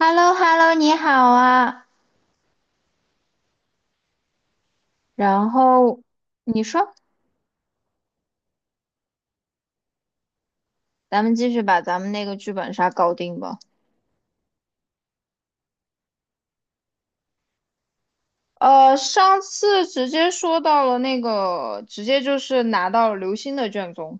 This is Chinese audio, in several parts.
h e l l o h e l l o 你好啊。然后你说，咱们继续把咱们那个剧本杀搞定吧。上次直接说到了那个，直接就是拿到刘星的卷宗。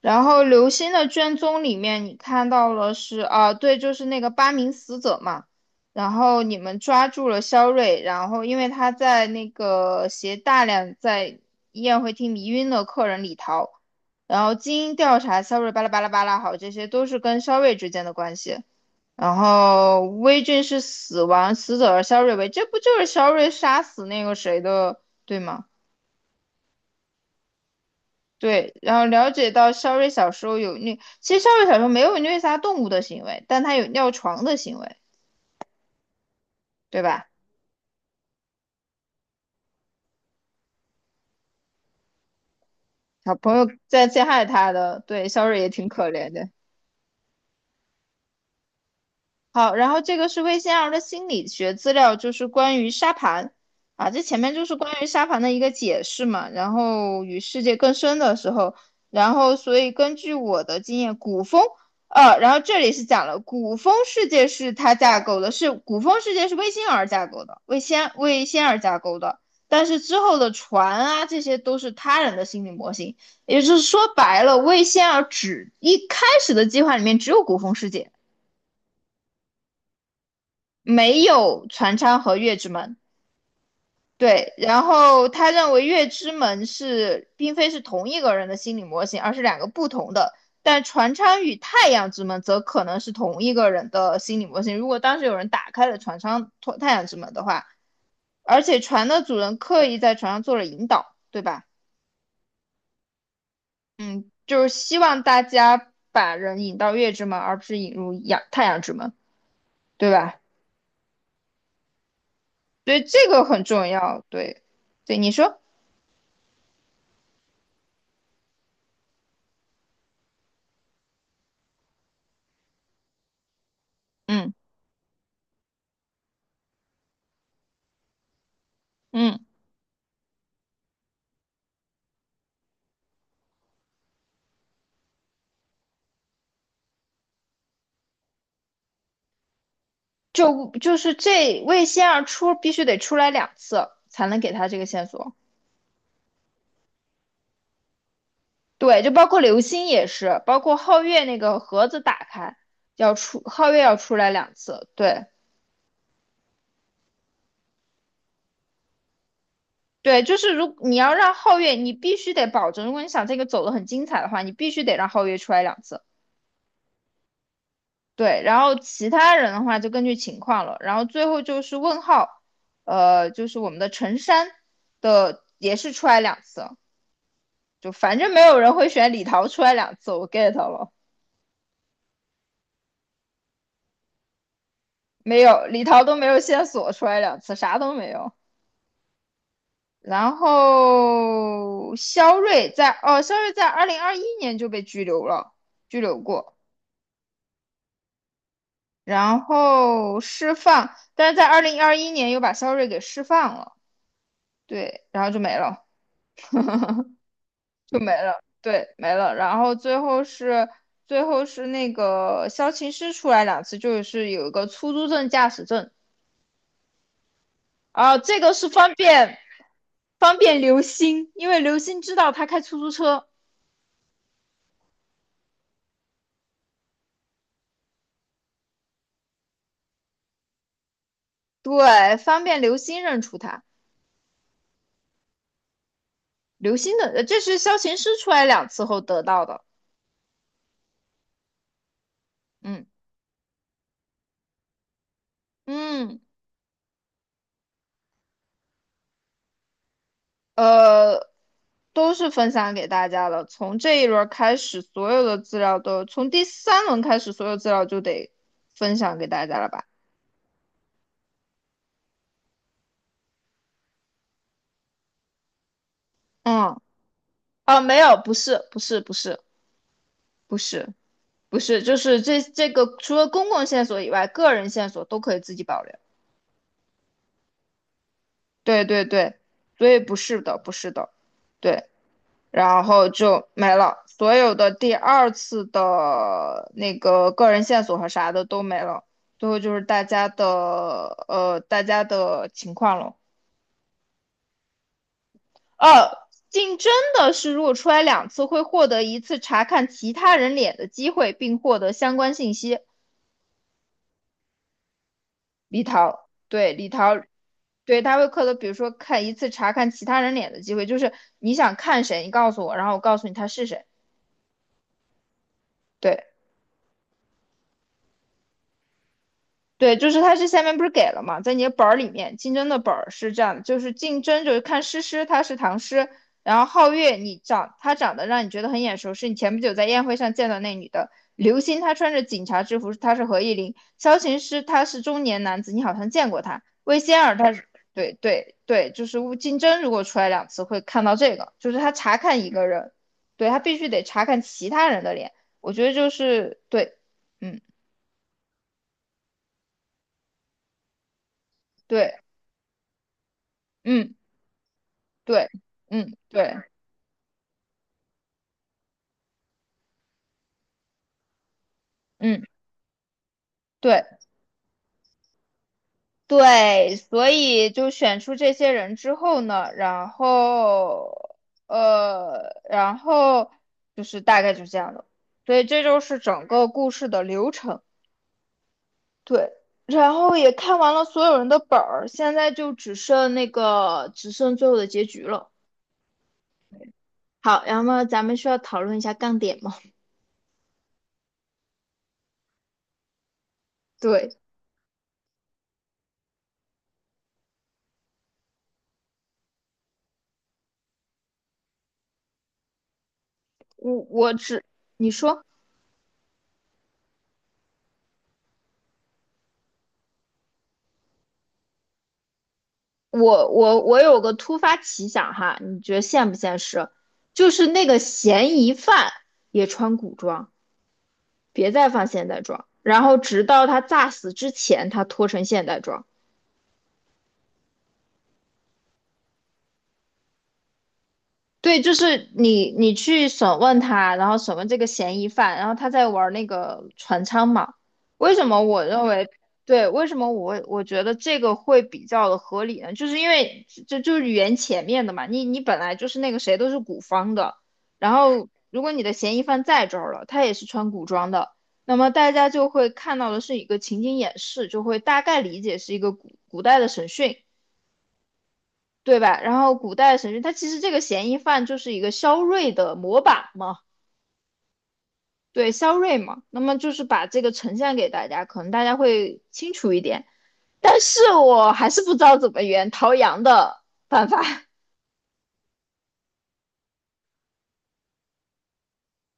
然后刘星的卷宗里面，你看到了是啊，对，就是那个八名死者嘛。然后你们抓住了肖瑞，然后因为他在那个携大量在宴会厅迷晕的客人里逃，然后经调查，肖瑞巴拉巴拉巴拉，好，这些都是跟肖瑞之间的关系。然后威俊是死亡死者，而肖瑞为，这不就是肖瑞杀死那个谁的，对吗？对，然后了解到肖瑞小时候有虐，其实肖瑞小时候没有虐杀动物的行为，但他有尿床的行为，对吧？小朋友在陷害他的，对，肖瑞也挺可怜的。好，然后这个是魏先儿的心理学资料，就是关于沙盘啊，这前面就是关于沙盘的一个解释嘛，然后与世界更深的时候，然后所以根据我的经验，古风，然后这里是讲了古风世界是它架构的，是古风世界是魏仙儿架构的，魏仙儿架构的，但是之后的船啊，这些都是他人的心理模型，也就是说白了，魏仙儿只一开始的计划里面只有古风世界。没有船舱和月之门。对，然后他认为月之门是并非是同一个人的心理模型，而是两个不同的。但船舱与太阳之门则可能是同一个人的心理模型。如果当时有人打开了船舱太阳之门的话，而且船的主人刻意在船上做了引导，对吧？就是希望大家把人引到月之门，而不是引入阳太阳之门，对吧？所以这个很重要。对，对，你说，嗯嗯。就是这魏仙儿出必须得出来两次才能给他这个线索。对，就包括流星也是，包括皓月那个盒子打开要出，皓月要出来两次。对对，就是如你要让皓月，你必须得保证，如果你想这个走得很精彩的话，你必须得让皓月出来两次。对，然后其他人的话就根据情况了。然后最后就是问号，就是我们的陈山的也是出来两次。就反正没有人会选李桃出来两次，我 get 了，没有李桃都没有线索出来两次，啥都没有。然后肖瑞在哦，肖瑞在二零二一年就被拘留了，拘留过，然后释放，但是在二零二一年又把肖瑞给释放了，对，然后就没了，就没了，对，没了。然后最后是最后是那个肖琴师出来两次，就是有一个出租证、驾驶证，啊，这个是方便刘星，因为刘星知道他开出租车，对，方便刘星认出他。刘星的，这是萧琴师出来两次后得到的。嗯嗯，呃，都是分享给大家了。从这一轮开始，所有的资料都，从第三轮开始，所有资料就得分享给大家了吧？嗯，哦，没有，不是，不是，不是，不是，不是，就是这个除了公共线索以外，个人线索都可以自己保留。对对对，所以不是的，不是的，对，然后就没了，所有的第二次的那个个人线索和啥的都没了，最后就是大家的大家的情况了。呃，竞争的是如果出来两次会获得一次查看其他人脸的机会，并获得相关信息。李桃，对，李桃。对，他会刻的，比如说看一次查看其他人脸的机会，就是你想看谁，你告诉我，然后我告诉你他是谁。对对，就是他这下面不是给了嘛，在你的本儿里面，竞争的本儿是这样的，就是竞争就是看诗诗，她是唐诗，然后皓月你长她长得让你觉得很眼熟，是你前不久在宴会上见到那女的。刘星她穿着警察制服，她是何意玲。萧琴师他是中年男子，你好像见过他。魏仙儿他是对对对，就是乌竞争，如果出来两次会看到这个，就是他查看一个人，对他必须得查看其他人的脸。我觉得就是对，嗯对嗯。对，嗯，对，嗯，对，对，所以就选出这些人之后呢，然后，然后就是大概就这样的，所以这就是整个故事的流程。对，然后也看完了所有人的本儿，现在就只剩那个，只剩最后的结局了。好，然后咱们需要讨论一下杠点吗？对，我只，你说。我有个突发奇想哈，你觉得现不现实？就是那个嫌疑犯也穿古装，别再放现代装，然后直到他诈死之前，他脱成现代装。对，就是你去审问他，然后审问这个嫌疑犯，然后他在玩那个船舱嘛。为什么我认为，对，为什么我觉得这个会比较的合理呢？就是因为这就是语言前面的嘛，你本来就是那个谁都是古方的，然后如果你的嫌疑犯在这儿了，他也是穿古装的，那么大家就会看到的是一个情景演示，就会大概理解是一个古代的审讯。对吧？然后古代审讯，他其实这个嫌疑犯就是一个肖瑞的模板嘛，对，肖瑞嘛。那么就是把这个呈现给大家，可能大家会清楚一点。但是我还是不知道怎么圆陶阳的办法。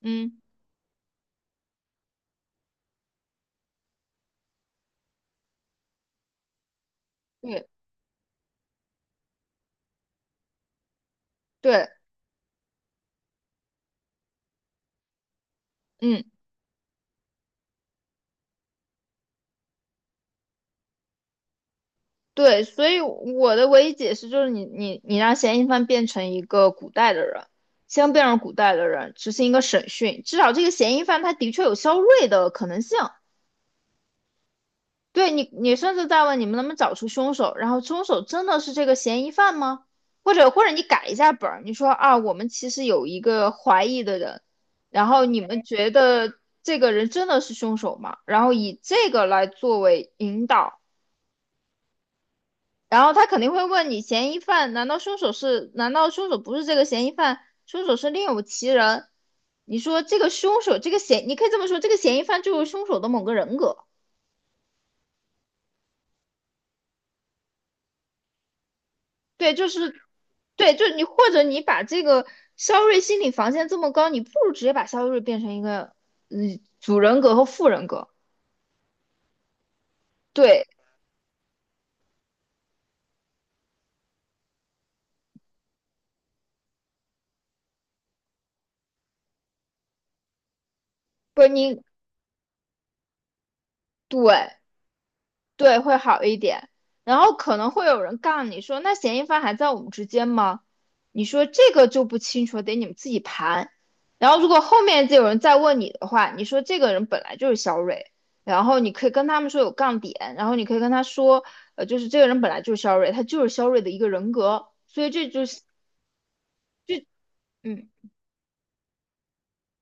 嗯，对对，嗯对，所以我的唯一解释就是你让嫌疑犯变成一个古代的人，先变成古代的人，执行一个审讯，至少这个嫌疑犯他的确有肖瑞的可能性。对你，你甚至在问你们能不能找出凶手，然后凶手真的是这个嫌疑犯吗？或者你改一下本儿，你说啊，我们其实有一个怀疑的人，然后你们觉得这个人真的是凶手吗？然后以这个来作为引导，然后他肯定会问你，嫌疑犯难道凶手是？难道凶手不是这个嫌疑犯？凶手是另有其人？你说这个凶手，这个嫌，你可以这么说，这个嫌疑犯就是凶手的某个人格。对，就是对，就你或者你把这个肖瑞心理防线这么高，你不如直接把肖瑞变成一个嗯主人格和副人格。对，不是你对。对，会好一点。然后可能会有人杠你说，那嫌疑犯还在我们之间吗？你说这个就不清楚，得你们自己盘。然后如果后面就有人再问你的话，你说这个人本来就是肖蕊，然后你可以跟他们说有杠点，然后你可以跟他说，就是这个人本来就是肖瑞，他就是肖瑞的一个人格，所以这就是，嗯，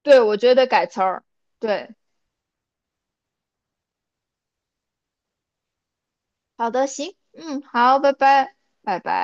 对，我觉得改词儿，对，好的，行，嗯，好，拜拜，拜拜。